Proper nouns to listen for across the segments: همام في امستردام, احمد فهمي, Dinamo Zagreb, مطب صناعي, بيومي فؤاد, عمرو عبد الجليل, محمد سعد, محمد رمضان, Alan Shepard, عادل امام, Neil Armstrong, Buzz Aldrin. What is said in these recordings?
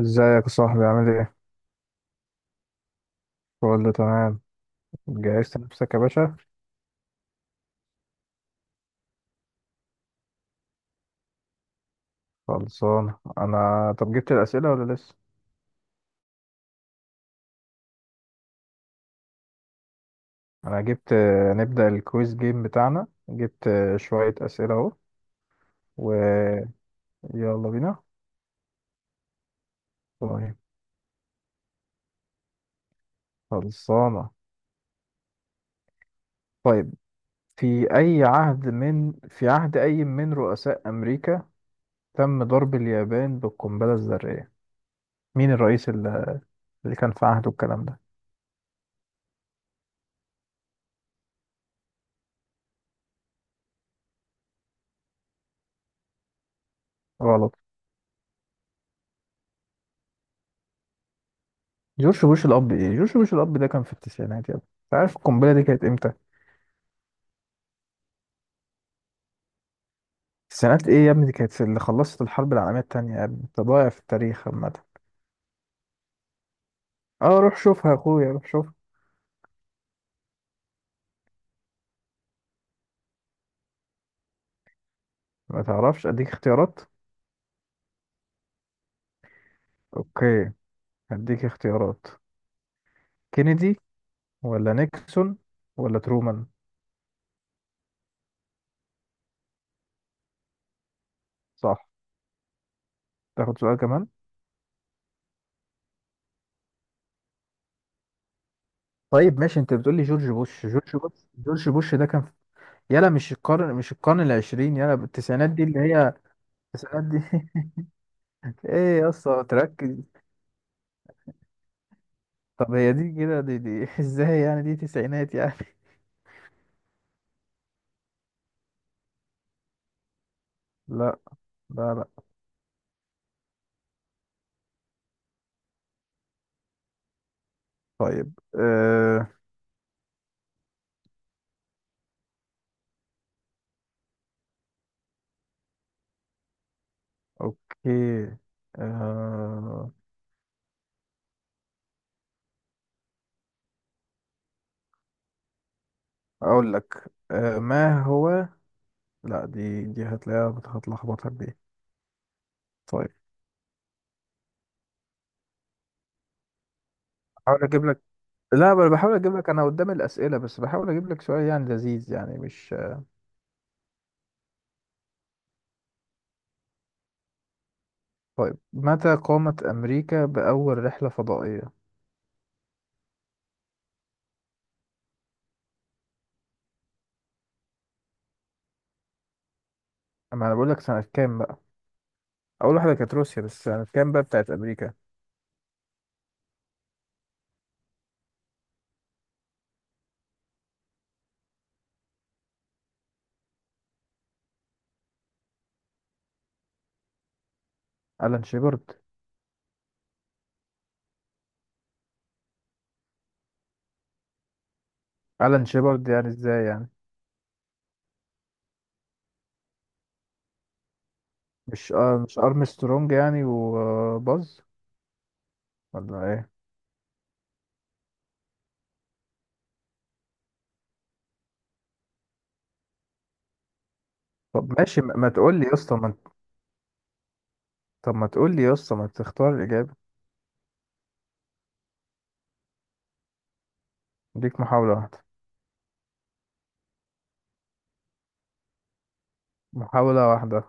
ازيك يا صاحبي؟ عامل ايه؟ كله تمام. جهزت نفسك يا باشا؟ خلصان انا. طب جبت الاسئله ولا لسه؟ انا جبت. نبدا الكويز جيم بتاعنا. جبت شويه اسئله اهو. ويلا بينا. طيب. خلصانه. طيب، في عهد اي من رؤساء امريكا تم ضرب اليابان بالقنبله الذريه؟ مين الرئيس اللي كان في عهده الكلام ده؟ غلط. جورج بوش الاب؟ ايه جورج بوش الاب؟ ده كان في التسعينات يا ابني. انت عارف القنبله دي كانت امتى؟ التسعينات ايه يا ابني؟ دي كانت اللي خلصت الحرب العالميه التانية يا ابني. انت ضايع في التاريخ عامه. اه، روح شوفها يا اخويا، روح شوفها. ما تعرفش؟ اديك اختيارات. اوكي، هديك اختيارات: كينيدي، ولا نيكسون، ولا ترومان. صح. تاخد سؤال كمان؟ طيب ماشي، انت بتقول لي جورج بوش جورج بوش جورج بوش، ده كان في... يلا مش القرن، مش القرن العشرين؟ يلا التسعينات دي اللي هي. التسعينات دي. ايه يا اسطى؟ تركز. طب هي دي كده، دي ازاي يعني دي تسعينات يعني؟ لا لا لا. طيب، اوكي، آه اقول لك، ما هو لا، دي هتلاقيها هتلخبطك دي. طيب. بحاول اجيب لك. لا انا بحاول اجيب لك، انا قدام الاسئله بس بحاول اجيب لك سؤال يعني لذيذ يعني مش... طيب، متى قامت امريكا باول رحله فضائيه؟ اما انا بقول لك سنه كام بقى. اول واحده كانت روسيا، بس سنه كام بقى بتاعت امريكا؟ الان شيبرد. الان شيبرد يعني ازاي يعني؟ مش ارمسترونج يعني وباز؟ ولا ايه؟ طب ماشي، ما تقول لي يا اسطى ما انت- طب ما تقول لي يا اسطى، ما تختار الاجابه. ليك محاوله واحده. محاوله واحده.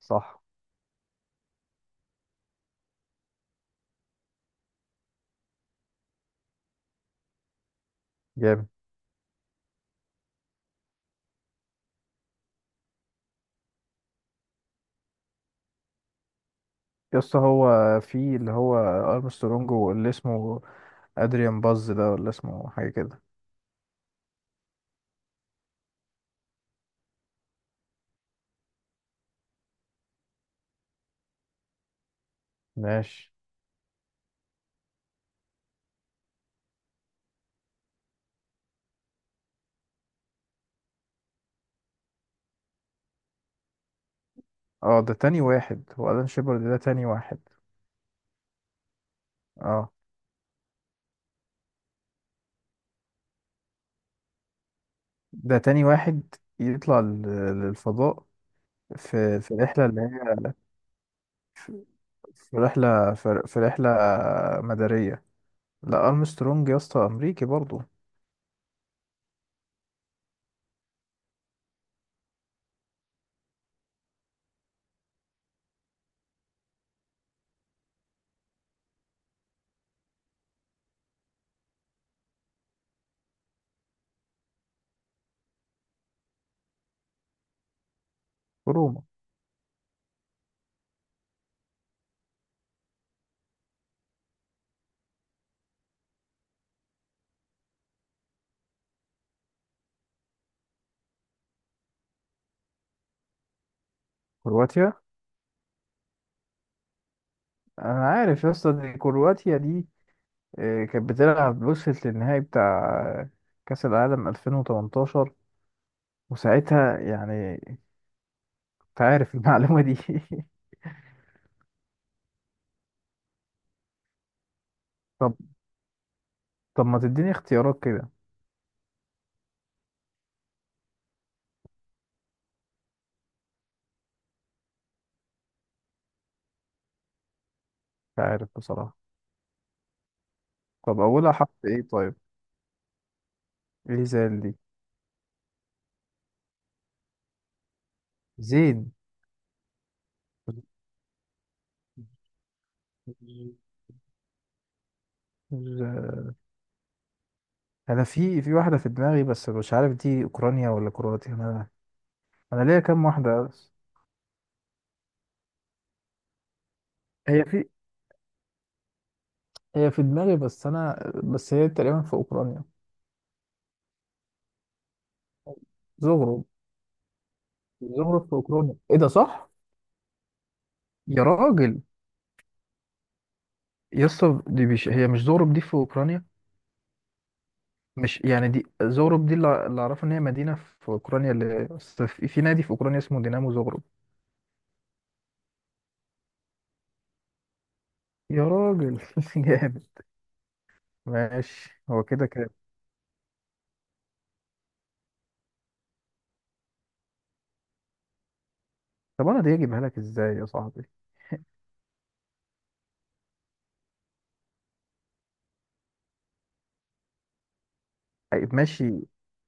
صح. جامد. يا اسطى هو في اللي هو ارمسترونج واللي اسمه ادريان باز ده، ولا اسمه حاجه كده؟ ماشي. اه، ده تاني واحد هو الان شيبرد، ده تاني واحد. اه ده تاني واحد يطلع للفضاء في الرحله اللي هي في رحلة في رحلة مدارية. لا أرمسترونج يا اسطى أمريكي برضو. في روما. كرواتيا. أنا عارف يا اسطى دي كرواتيا دي. كانت بتلعب، وصلت للنهائي بتاع كأس العالم 2018، وساعتها يعني أنت عارف المعلومة دي. طب. طب ما تديني اختيارات كده. مش عارف بصراحة. طب أولها حرف إيه طيب؟ إيه زي دي؟ زين. ز- انا في واحده في دماغي بس مش عارف دي اوكرانيا ولا كرواتيا. انا ليا كام واحده بس. هي في هي في دماغي بس، انا بس هي تقريبا في اوكرانيا. زغرب. زغرب في اوكرانيا، ايه ده صح؟ يا راجل. يا اسطى دي مش هي، مش زغرب دي في اوكرانيا؟ مش يعني دي زغرب دي، اللي اعرفه ان هي مدينه في اوكرانيا، اللي أصل في نادي في اوكرانيا اسمه دينامو زغرب. يا راجل. جامد. ماشي هو كده كده. طب انا دي اجيبها لك ازاي يا صاحبي؟ طيب ماشي.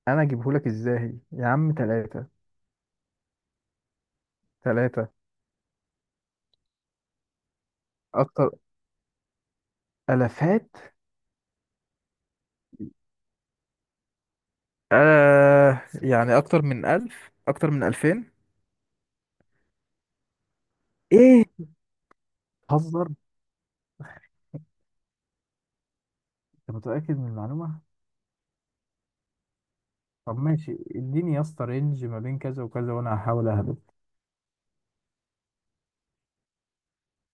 انا اجيبهولك ازاي يا عم؟ تلاتة. تلاتة. اكتر. الافات؟ يعني اكتر من الف، اكتر من الفين. ايه؟ هزر. انت متأكد من المعلومة؟ طب ماشي، اديني يا اسطى رينج ما بين كذا وكذا وانا هحاول اهبط.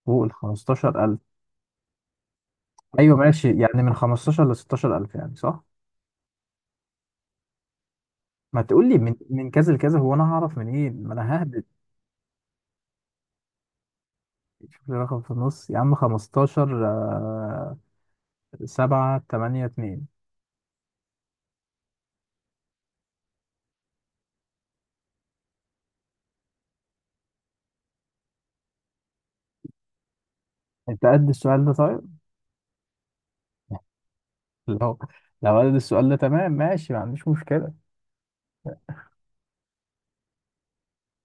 فوق ال 15000. ايوه ماشي، يعني من 15 ل 16000 يعني صح. ما تقول لي من كذا لكذا، هو انا هعرف من ايه؟ ما انا ههبط. شوف لي رقم في النص يا عم. 15 7 8 2. انت قد السؤال ده طيب؟ لو لو قد السؤال ده تمام ماشي، ما عنديش مشكلة.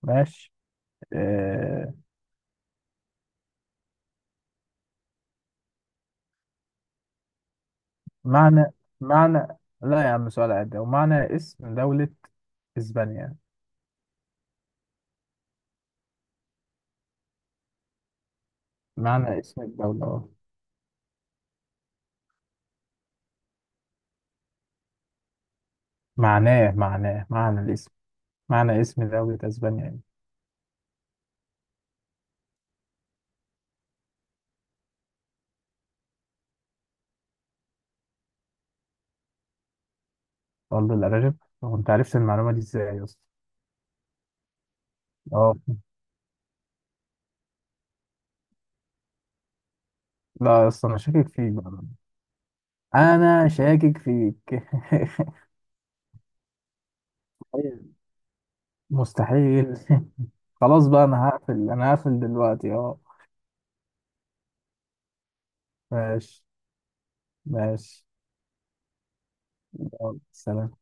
ماشي. آه... معنى معنى لا يا عم، سؤال عادي، ومعنى اسم دولة اسبانيا. معنى اسم الدولة اه. معناه معنى الاسم، معنى اسم دولة اسبانيا يعني. والله الأرانب؟ هو انت عرفت المعلومة دي ازاي يا اسطى؟ اه. لا يا اسطى انا شاكك فيك بقى. انا شاكك فيك. مستحيل. خلاص بقى، انا هقفل، انا هقفل دلوقتي اه. ماشي. ماشي. يلا سلام.